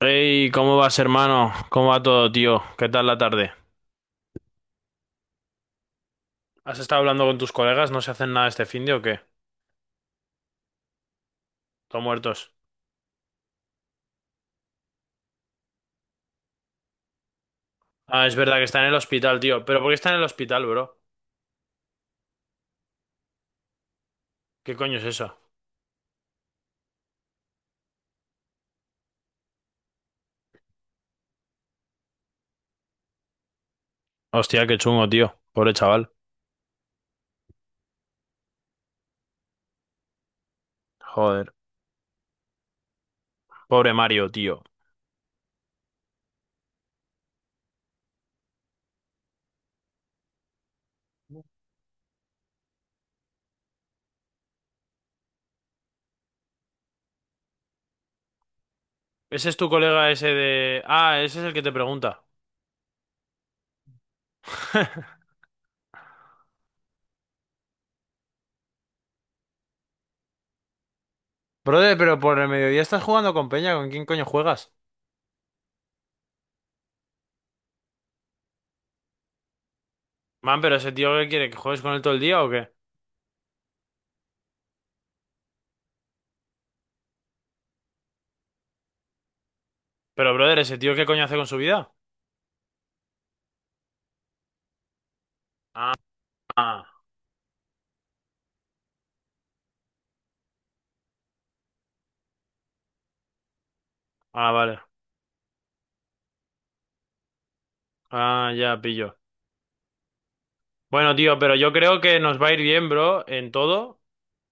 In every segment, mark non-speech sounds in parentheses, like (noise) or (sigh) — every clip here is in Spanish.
Hey, ¿cómo vas, hermano? ¿Cómo va todo, tío? ¿Qué tal la tarde? ¿Has estado hablando con tus colegas? ¿No se hacen nada este finde o qué? ¿Todos muertos? Ah, es verdad que está en el hospital, tío. ¿Pero por qué está en el hospital, bro? ¿Qué coño es eso? Hostia, qué chungo, tío. Pobre chaval. Joder. Pobre Mario, tío. ¿Ese es tu colega ese de... Ah, ese es el que te pregunta. (laughs) Brother, pero por el mediodía estás jugando con Peña. ¿Con quién coño juegas? Man, pero ese tío, ¿qué quiere? ¿Que juegues con él todo el día o qué? Pero, brother, ¿ese tío qué coño hace con su vida? Ah, ah, ah, vale. Ah, ya pillo. Bueno, tío, pero yo creo que nos va a ir bien, bro, en todo,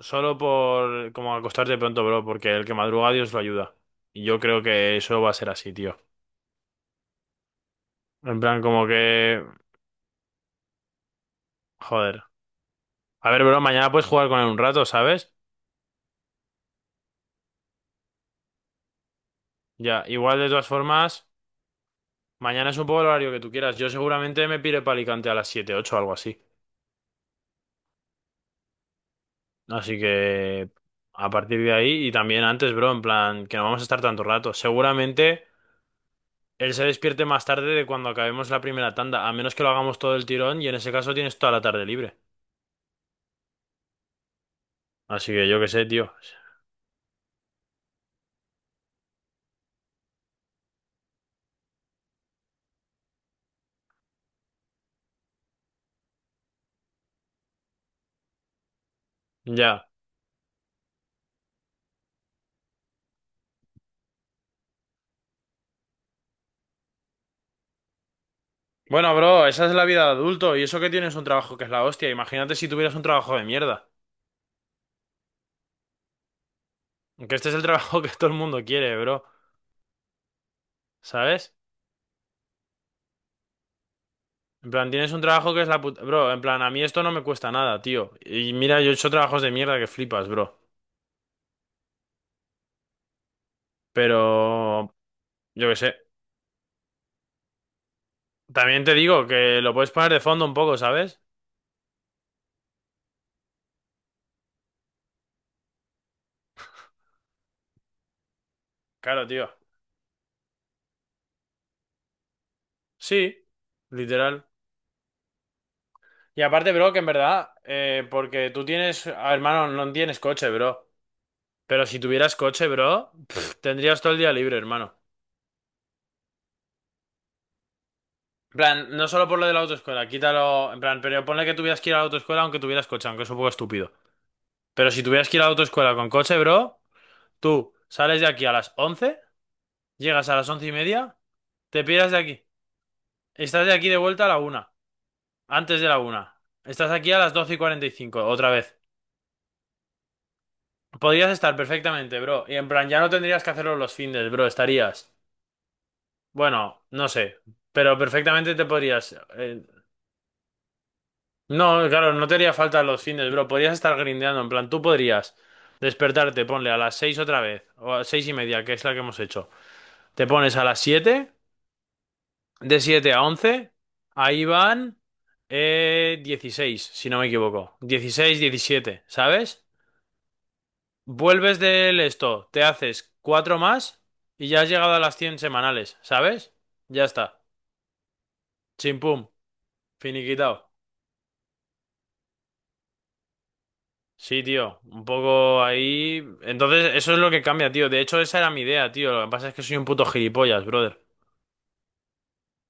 solo por como acostarte pronto, bro, porque el que madruga Dios lo ayuda. Y yo creo que eso va a ser así, tío. En plan, como que... Joder. A ver, bro, mañana puedes jugar con él un rato, ¿sabes? Ya, igual de todas formas, mañana es un poco el horario que tú quieras. Yo seguramente me pire para Alicante a las 7, 8, algo así. Así que... A partir de ahí y también antes, bro, en plan, que no vamos a estar tanto rato. Seguramente... Él se despierte más tarde de cuando acabemos la primera tanda, a menos que lo hagamos todo el tirón y en ese caso tienes toda la tarde libre. Así que yo qué sé, tío. Ya. Bueno, bro, esa es la vida de adulto y eso que tienes un trabajo que es la hostia. Imagínate si tuvieras un trabajo de mierda. Que este es el trabajo (laughs) que todo el mundo quiere, bro. ¿Sabes? En plan, tienes un trabajo que es la puta... Bro, en plan, a mí esto no me cuesta nada, tío. Y mira, yo he hecho trabajos de mierda que flipas, bro. Pero... Yo qué sé. También te digo que lo puedes poner de fondo un poco, ¿sabes? Claro, tío. Sí, literal. Y aparte, bro, que en verdad, porque tú tienes, hermano, no tienes coche, bro. Pero si tuvieras coche, bro, tendrías todo el día libre, hermano. En plan, no solo por lo de la autoescuela, quítalo, en plan, pero ponle que tuvieras que ir a la autoescuela aunque tuvieras coche, aunque es un poco estúpido. Pero si tuvieras que ir a la autoescuela con coche, bro, tú sales de aquí a las 11, llegas a las 11:30, te piras de aquí. Estás de aquí de vuelta a la 1, antes de la 1. Estás aquí a las 12:45, otra vez. Podrías estar perfectamente, bro. Y en plan, ya no tendrías que hacerlo los fines, bro. Estarías. Bueno, no sé. Pero perfectamente te podrías. No, claro, no te haría falta los fines, bro. Podrías estar grindeando. En plan, tú podrías despertarte, ponle a las 6 otra vez. O a 6:30, que es la que hemos hecho. Te pones a las 7. De 7 a 11. Ahí van. 16, si no me equivoco. 16, 17, ¿sabes? Vuelves del esto, te haces cuatro más y ya has llegado a las 100 semanales, ¿sabes? Ya está. Chimpum, finiquitado. Sí, tío, un poco ahí. Entonces, eso es lo que cambia, tío. De hecho, esa era mi idea, tío. Lo que pasa es que soy un puto gilipollas, brother.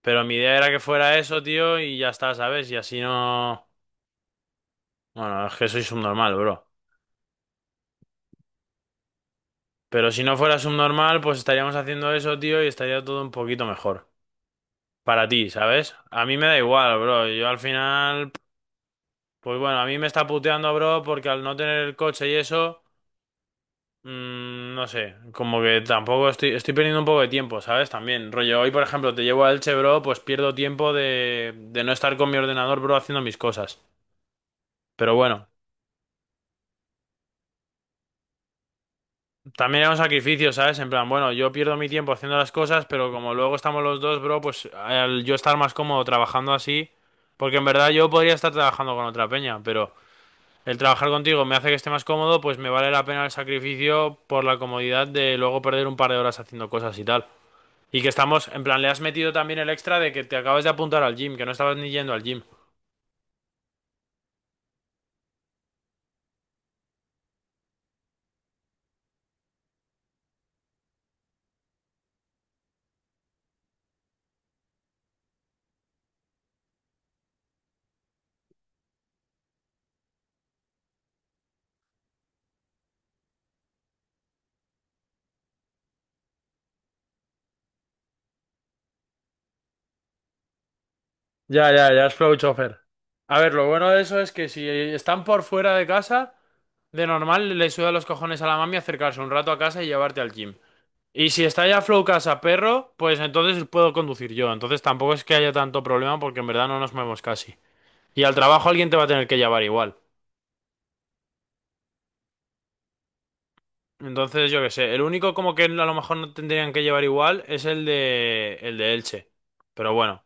Pero mi idea era que fuera eso, tío, y ya está, ¿sabes? Y así no. Bueno, es que soy subnormal, bro. Pero si no fuera subnormal, pues estaríamos haciendo eso, tío, y estaría todo un poquito mejor. Para ti, ¿sabes? A mí me da igual, bro. Yo al final. Pues bueno, a mí me está puteando, bro, porque al no tener el coche y eso, no sé, como que tampoco estoy, perdiendo un poco de tiempo, ¿sabes? También, rollo, hoy por ejemplo te llevo a Elche, bro, pues pierdo tiempo de no estar con mi ordenador, bro, haciendo mis cosas. Pero bueno, también es un sacrificio, ¿sabes? En plan, bueno, yo pierdo mi tiempo haciendo las cosas, pero como luego estamos los dos, bro, pues al yo estar más cómodo trabajando así, porque en verdad yo podría estar trabajando con otra peña, pero... El trabajar contigo me hace que esté más cómodo, pues me vale la pena el sacrificio por la comodidad de luego perder un par de horas haciendo cosas y tal. Y que estamos, en plan, le has metido también el extra de que te acabas de apuntar al gym, que no estabas ni yendo al gym. Ya, ya, ya es flow chofer. A ver, lo bueno de eso es que si están por fuera de casa, de normal le suda los cojones a la mami acercarse un rato a casa y llevarte al gym. Y si está ya flow casa perro, pues entonces puedo conducir yo. Entonces tampoco es que haya tanto problema porque en verdad no nos movemos casi. Y al trabajo alguien te va a tener que llevar igual. Entonces, yo qué sé, el único como que a lo mejor no tendrían que llevar igual es el de Elche. Pero bueno,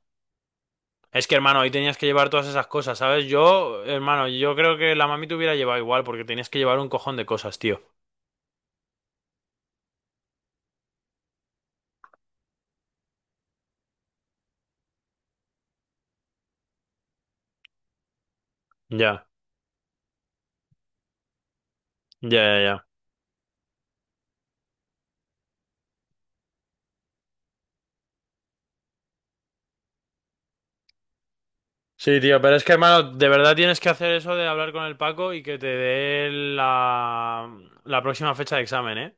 es que hermano, ahí tenías que llevar todas esas cosas, ¿sabes? Yo, hermano, yo creo que la mami te hubiera llevado igual porque tenías que llevar un cojón de cosas, tío. Ya, ya, ya, ya. Sí, tío, pero es que hermano, de verdad tienes que hacer eso de hablar con el Paco y que te dé la próxima fecha de examen, ¿eh?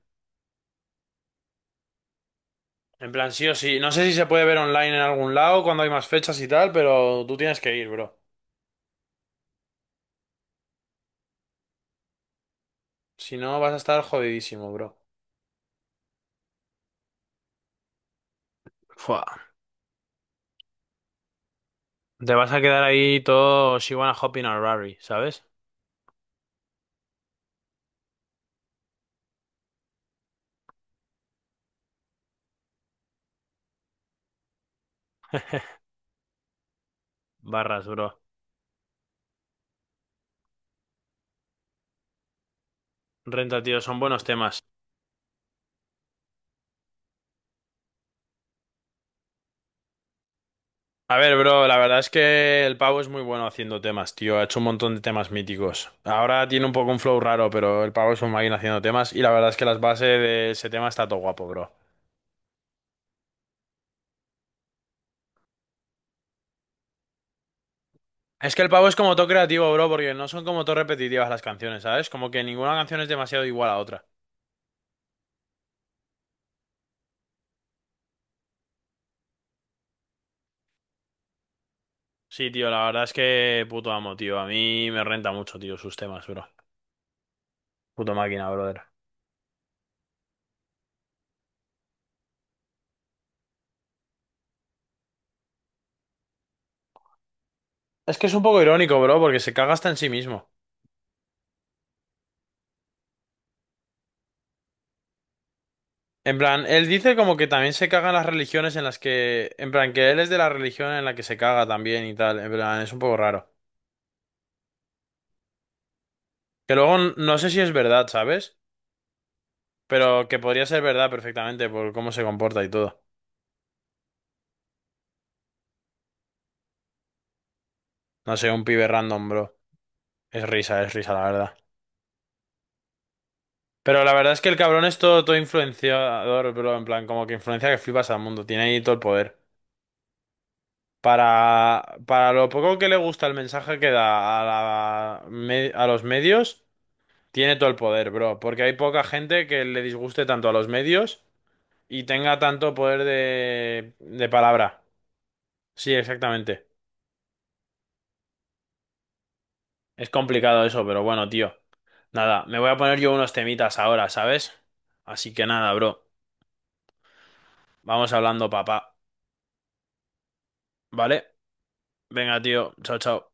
En plan, sí o sí. No sé si se puede ver online en algún lado cuando hay más fechas y tal, pero tú tienes que ir, bro. Si no, vas a estar jodidísimo, bro. Fua, te vas a quedar ahí todo She Wanna Hop in a Rari, ¿sabes? Barras, bro. Renta, tío, son buenos temas. A ver, bro, la verdad es que el pavo es muy bueno haciendo temas, tío. Ha hecho un montón de temas míticos. Ahora tiene un poco un flow raro, pero el pavo es un máquina haciendo temas. Y la verdad es que las bases de ese tema está todo guapo, bro. Es que el pavo es como todo creativo, bro, porque no son como todo repetitivas las canciones, ¿sabes? Como que ninguna canción es demasiado igual a otra. Sí, tío, la verdad es que puto amo, tío. A mí me renta mucho, tío, sus temas, bro. Puto máquina, brother. Es que es un poco irónico, bro, porque se caga hasta en sí mismo. En plan, él dice como que también se cagan las religiones en las que... En plan, que él es de la religión en la que se caga también y tal. En plan, es un poco raro. No sé si es verdad, ¿sabes? Pero que podría ser verdad perfectamente por cómo se comporta y todo. No sé, un pibe random, bro. Es risa, la verdad. Pero la verdad es que el cabrón es todo, todo influenciador, bro. En plan, como que influencia que flipas al mundo. Tiene ahí todo el poder. Para lo poco que le gusta el mensaje que da a, a los medios, tiene todo el poder, bro. Porque hay poca gente que le disguste tanto a los medios y tenga tanto poder de palabra. Sí, exactamente. Es complicado eso, pero bueno, tío. Nada, me voy a poner yo unos temitas ahora, ¿sabes? Así que nada, bro. Vamos hablando, papá. ¿Vale? Venga, tío. Chao, chao.